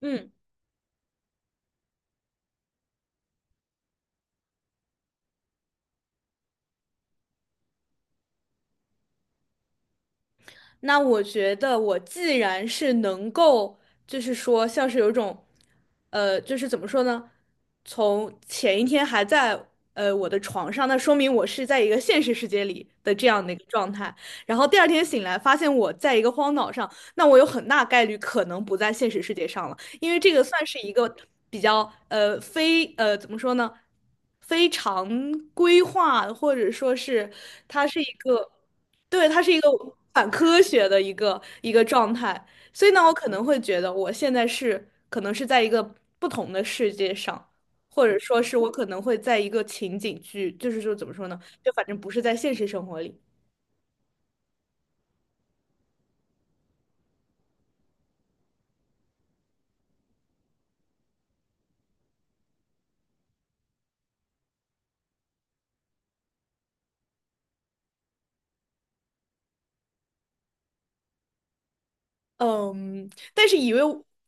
嗯，那我觉得我既然是能够，就是说像是有一种，就是怎么说呢？从前一天还在我的床上，那说明我是在一个现实世界里的这样的一个状态。然后第二天醒来，发现我在一个荒岛上，那我有很大概率可能不在现实世界上了，因为这个算是一个比较呃非呃怎么说呢？非常规划，或者说是它是一个。对，它是一个反科学的一个状态，所以呢，我可能会觉得我现在是可能是在一个不同的世界上，或者说是我可能会在一个情景剧，就是说怎么说呢，就反正不是在现实生活里。嗯，但是以为，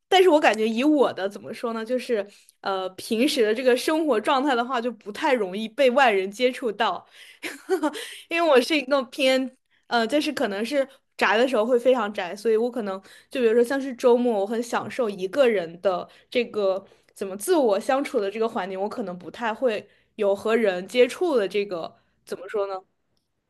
但是我感觉以我的怎么说呢，就是平时的这个生活状态的话，就不太容易被外人接触到，因为我是一个偏就是可能是宅的时候会非常宅，所以我可能就比如说像是周末，我很享受一个人的这个怎么自我相处的这个环境，我可能不太会有和人接触的这个怎么说呢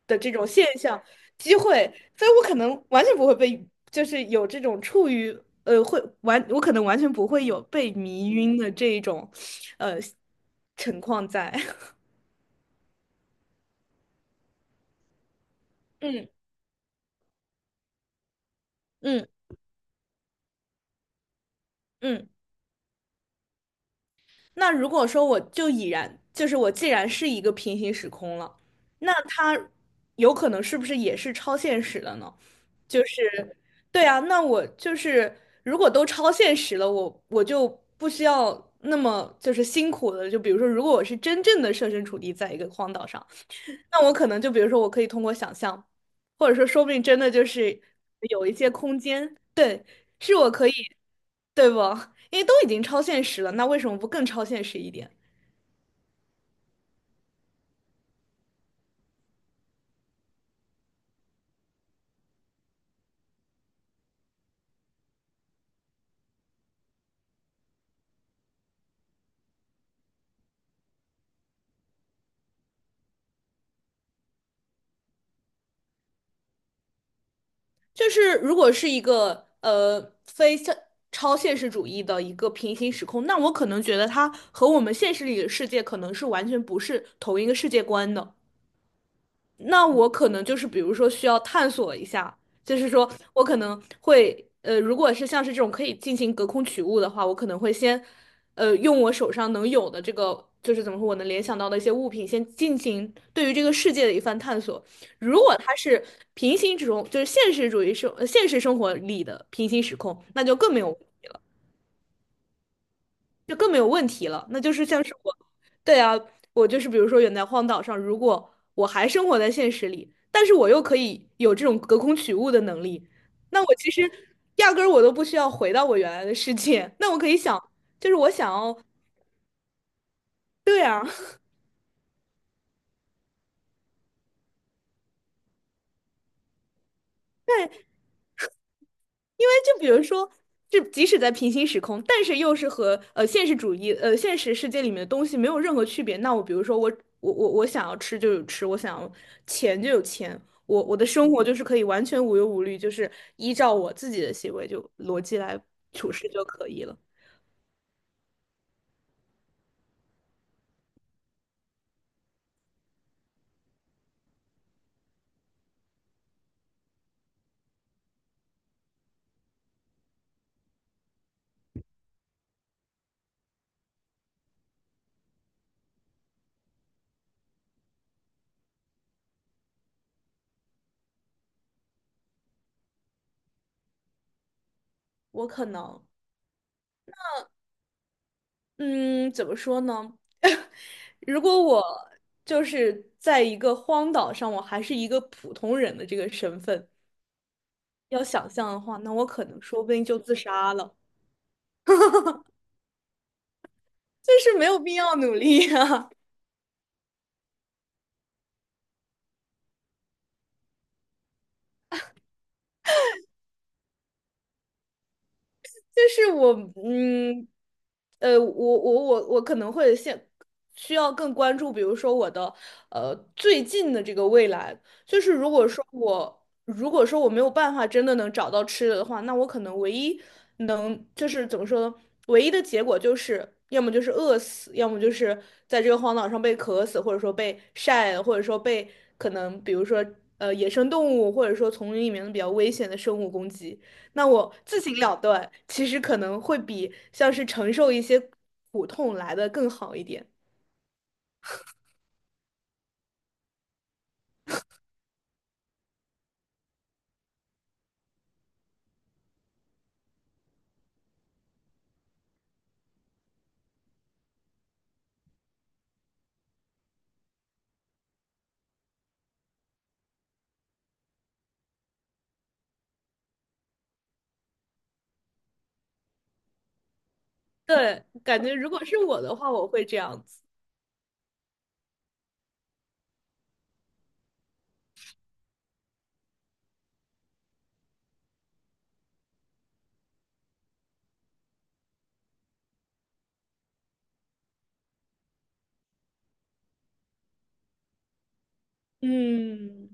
的这种现象。机会，所以我可能完全不会被，就是有这种处于呃会完，我可能完全不会有被迷晕的这一种呃情况在。嗯嗯嗯。那如果说我就已然，就是我既然是一个平行时空了，那它有可能是不是也是超现实的呢？就是，对啊，那我就是如果都超现实了，我就不需要那么就是辛苦的。就比如说，如果我是真正的设身处地在一个荒岛上，那我可能就比如说，我可以通过想象，或者说说不定真的就是有一些空间，对，是我可以，对不？因为都已经超现实了，那为什么不更超现实一点？就是如果是一个呃非现超现实主义的一个平行时空，那我可能觉得它和我们现实里的世界可能是完全不是同一个世界观的。那我可能就是比如说需要探索一下，就是说我可能会如果是像是这种可以进行隔空取物的话，我可能会先用我手上能有的这个。就是怎么说，我能联想到的一些物品，先进行对于这个世界的一番探索。如果它是平行时空，就是现实主义生，现实生活里的平行时空，那就更没有。就更没有问题了。那就是像是我，对啊，我就是比如说远在荒岛上，如果我还生活在现实里，但是我又可以有这种隔空取物的能力，那我其实压根儿我都不需要回到我原来的世界，那我可以想，就是我想要这样，对因为就比如说，就即使在平行时空，但是又是和现实主义现实世界里面的东西没有任何区别。那我比如说我想要吃就有吃，我想要钱就有钱，我我的生活就是可以完全无忧无虑，就是依照我自己的行为就逻辑来处事就可以了。我可能嗯怎么说呢？如果我就是在一个荒岛上，我还是一个普通人的这个身份，要想象的话，那我可能说不定就自杀了。就是没有必要努力啊。就是我，嗯，我可能会现需要更关注，比如说我的最近的这个未来。就是如果说我如果说我没有办法真的能找到吃的的话，那我可能唯一能就是怎么说呢？唯一的结果就是要么就是饿死，要么就是在这个荒岛上被渴死，或者说被晒或者说被可能比如说野生动物或者说丛林里面的比较危险的生物攻击。那我自行了断，其实可能会比像是承受一些苦痛来的更好一点。对，感觉如果是我的话，我会这样子。嗯，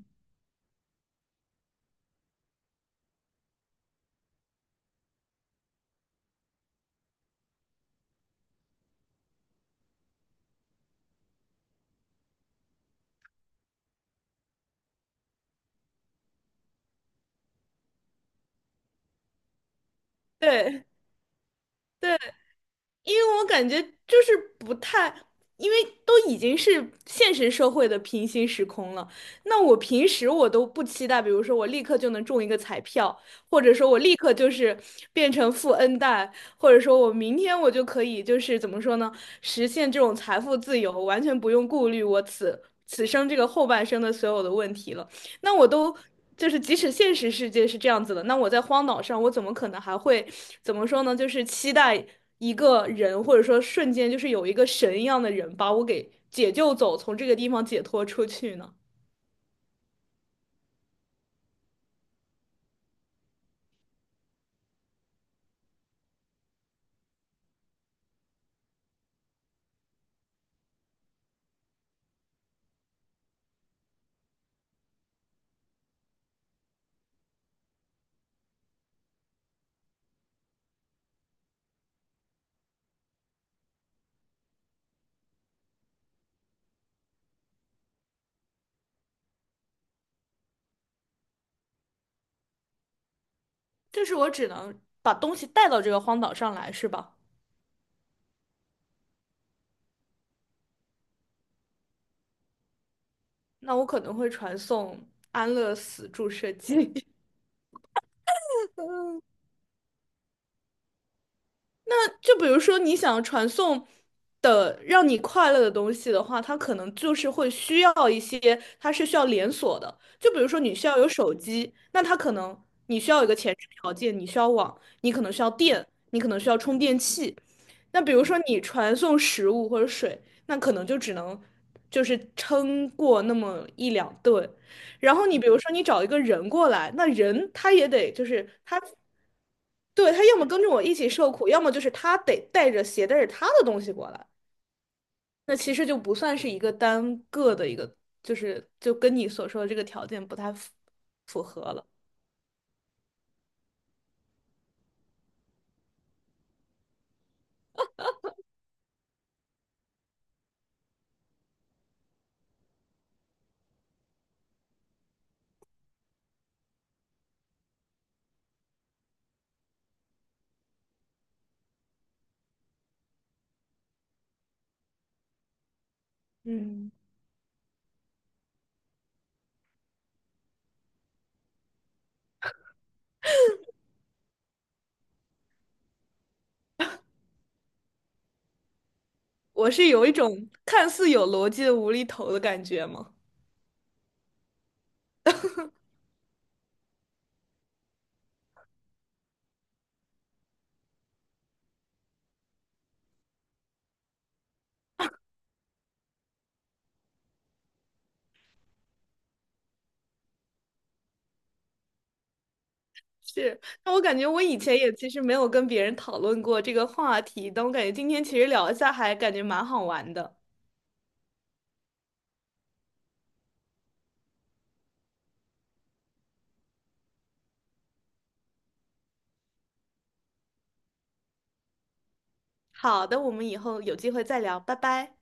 对对，因为我感觉就是不太，因为都已经是现实社会的平行时空了。那我平时我都不期待，比如说我立刻就能中一个彩票，或者说我立刻就是变成富 N 代，或者说我明天我就可以就是怎么说呢，实现这种财富自由，完全不用顾虑我此此生这个后半生的所有的问题了。那我都就是，即使现实世界是这样子的，那我在荒岛上，我怎么可能还会怎么说呢？就是期待一个人，或者说瞬间就是有一个神一样的人把我给解救走，从这个地方解脱出去呢？就是我只能把东西带到这个荒岛上来，是吧？那我可能会传送安乐死注射剂。那就比如说你想传送的让你快乐的东西的话，它可能就是会需要一些，它是需要连锁的。就比如说你需要有手机，那它可能你需要有一个前置条件，你需要网，你可能需要电，你可能需要充电器。那比如说你传送食物或者水，那可能就只能就是撑过那么一两顿。然后你比如说你找一个人过来，那人他也得就是他对，他要么跟着我一起受苦，要么就是他得带着携带着他的东西过来。那其实就不算是一个单个的一个，就是就跟你所说的这个条件不太符符合了。嗯，我是有一种看似有逻辑的无厘头的感觉吗？是，那我感觉我以前也其实没有跟别人讨论过这个话题，但我感觉今天其实聊一下还感觉蛮好玩的。好的，我们以后有机会再聊，拜拜。